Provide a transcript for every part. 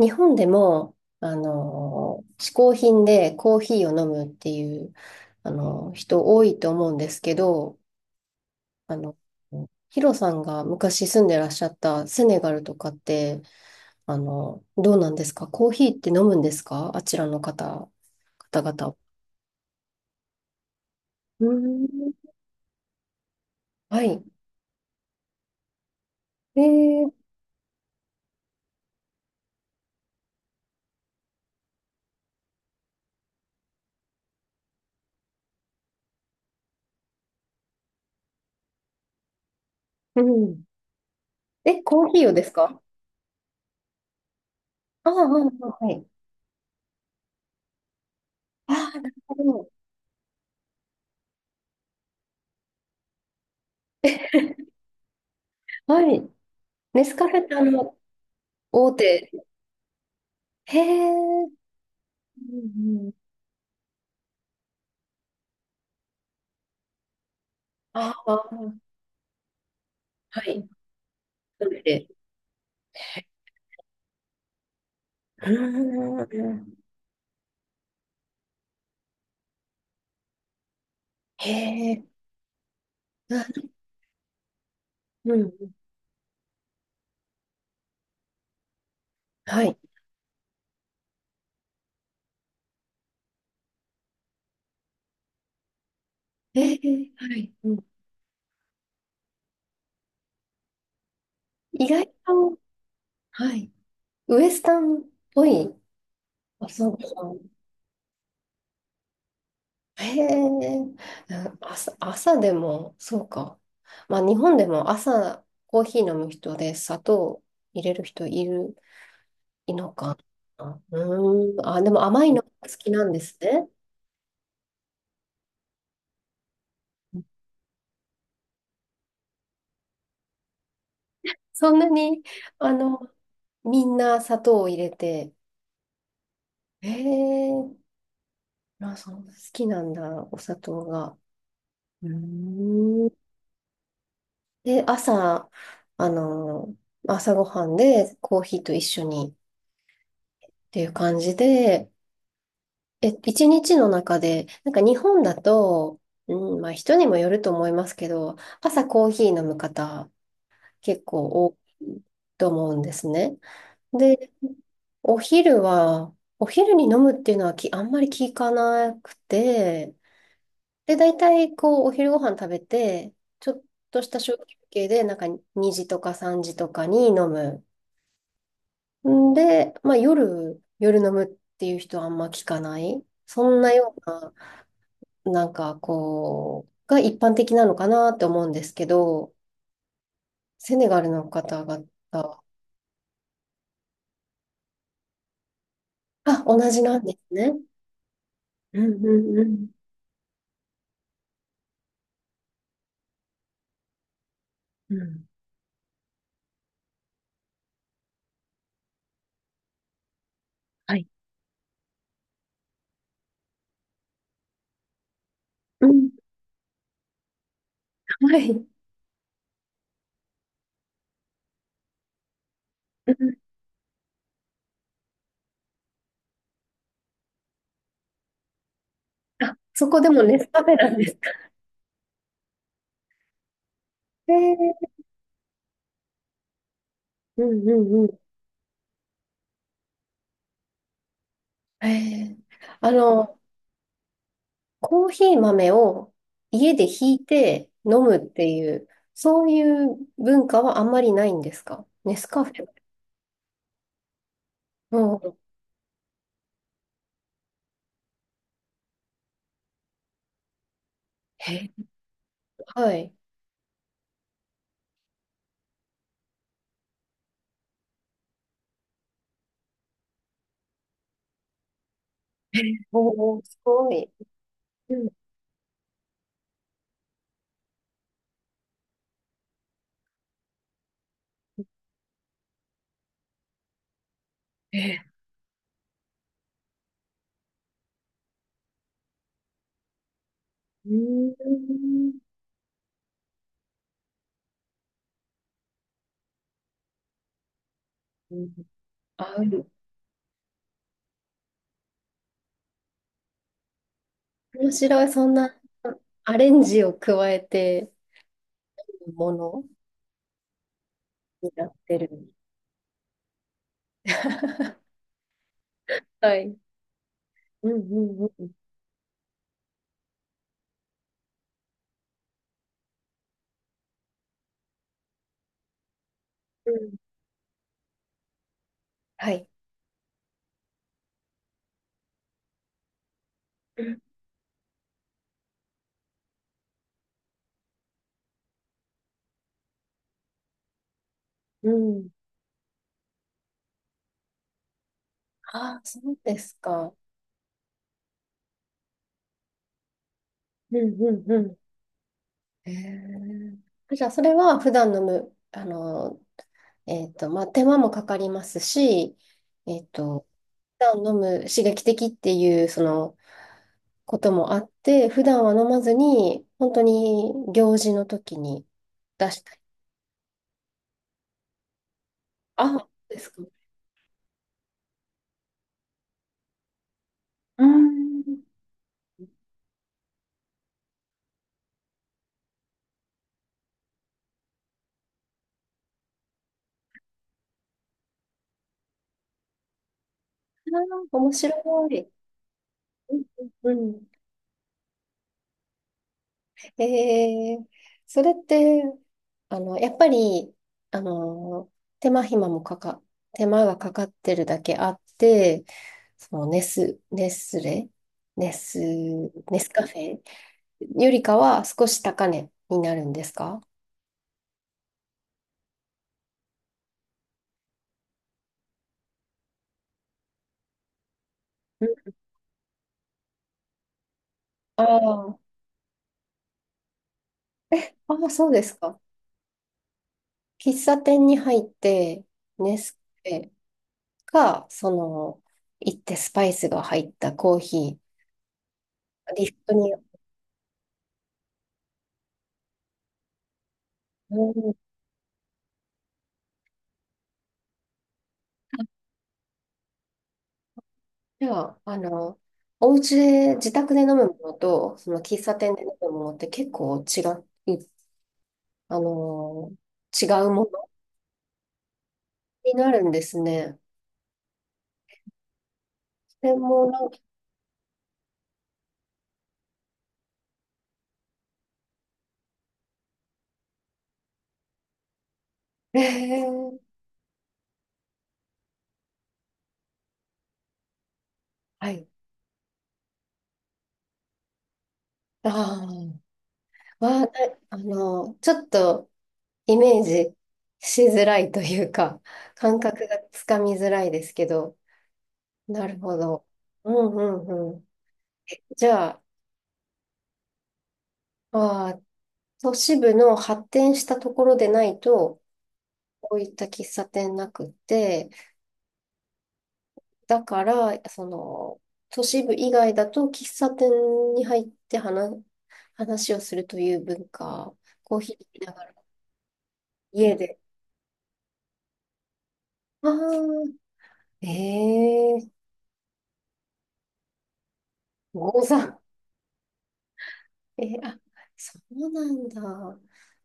日本でも、嗜好品でコーヒーを飲むっていう、人多いと思うんですけど、あの、ヒロさんが昔住んでらっしゃったセネガルとかって、どうなんですかコーヒーって飲むんですか、あちらの方、方々。うーん。はい。えー、うん。え、コーヒーをですか。ああ、ああ、はい。ああ、なるほど。はい。ネスカフェって大手。へえ。うん、うん。ああ、はい。なので、うーん、へえ、なるうん、はい。ええ、はい。うん、意外と、はい。ウエスタンっぽい。あ、そうか。へえ、うん。朝でも、そうか。まあ、日本でも朝、コーヒー飲む人で砂糖入れる人いる、いのかな。うーん、あ、でも甘いのが好きなんですね。そんなに、あの、みんな砂糖を入れて、ええ、まあ、そんな好きなんだ、お砂糖が。うーん。で、朝、あの、朝ごはんでコーヒーと一緒にっていう感じで、え、一日の中で、なんか日本だと、うん、まあ人にもよると思いますけど、朝コーヒー飲む方結構多いと思うんですね。で、お昼は、お昼に飲むっていうのはあんまり聞かなくて、で、大体、こう、お昼ご飯食べて、ちょっとした小休憩で、なんか2時とか3時とかに飲む。んで、まあ夜飲むっていう人はあんま聞かない。そんなような、なんかこう、が一般的なのかなって思うんですけど、セネガルの方々。あ、同じなんですね。うん、うん、うん。うん。はい。うん。はい。うん。あ、そこでもネスカフェなんですか。へえ。うん、うん、うん。へえ。あの、コーヒー豆を家でひいて飲むっていう、そういう文化はあんまりないんですか、ネスカフェ。うん。え、はい。え、おー、すごい。うん。え、うーん。あ、面白い。そんなアレンジを加えてものになってる。はい。うん、うん、うん。うん、はい。うん。ああ、そうですか。うん、うん、うん。へえ。じゃあ、それは普段のむ、まあ、手間もかかりますし、えっと、普段飲む刺激的っていう、その、こともあって、普段は飲まずに、本当に行事の時に出した。あ、そうですか。うん。あー、面白い。うん。うん。えー、それって、やっぱり、あの、手間暇もかか、手間がかかってるだけあって、そのネス、ネスレ、ネス、ネスカフェよりかは少し高値になるんですか。うん。ああ、ああ、そうですか。喫茶店に入って、ネスカフェか、その、行ってスパイスが入ったコーヒー、リフトに、うん。じゃあ、お家で、自宅で飲むものと、その喫茶店で飲むものって結構違う、あの、違うものになるんですね。でも、なんか、えー、はい。ああ、ちょっとイメージしづらいというか、感覚がつかみづらいですけど、なるほど。うん、うん、うん。じゃあ、あー、都市部の発展したところでないと、こういった喫茶店なくって、だから、その、都市部以外だと喫茶店に入って話をするという文化、コーヒー飲みながら家で。ああ、ええー、ゴえー、あ、そうなんだ。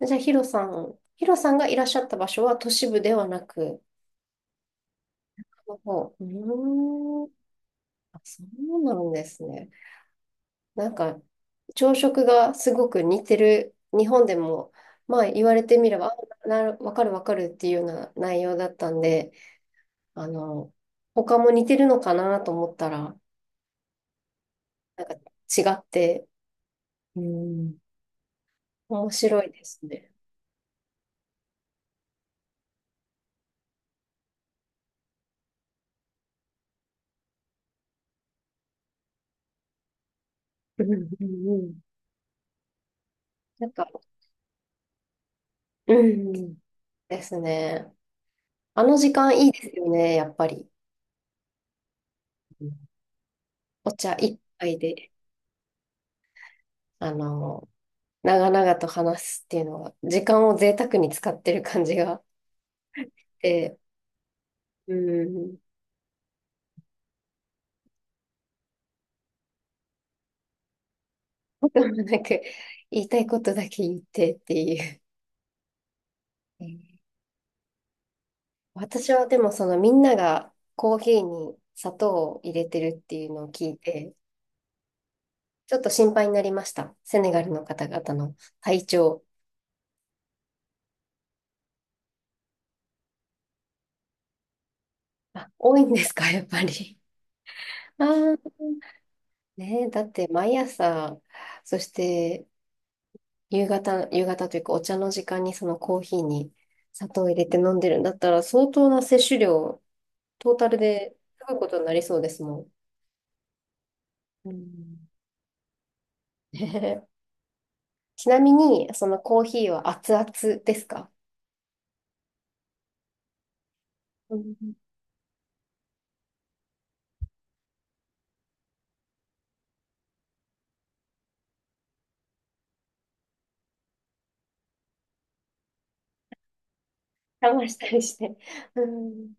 じゃあ、ヒロさんがいらっしゃった場所は都市部ではなく、もう、うーん、あ、そうなんですね。なんか、朝食がすごく似てる、日本でも、まあ言われてみれば、あ、わかるわかるっていうような内容だったんで、あの、他も似てるのかなと思ったら違って、うん、面白いですね。うん、うん、うん。なんか、うん、ですね。あの時間いいですよね、やっぱり。うん。お茶一杯で、あの、長々と話すっていうのは、時間を贅沢に使ってる感じがあって、うん。こともなく、言いたいことだけ言ってっていう。えー私はでもそのみんながコーヒーに砂糖を入れてるっていうのを聞いて、ちょっと心配になりました。セネガルの方々の体調。あ、多いんですか、やっぱり。ああ、ねえ、だって毎朝、そして夕方というかお茶の時間にそのコーヒーに砂糖を入れて飲んでるんだったら相当な摂取量、トータルですごいことになりそうですもん。うん、ね。 ちなみに、そのコーヒーは熱々ですか。うん。冷ましたりして。うん。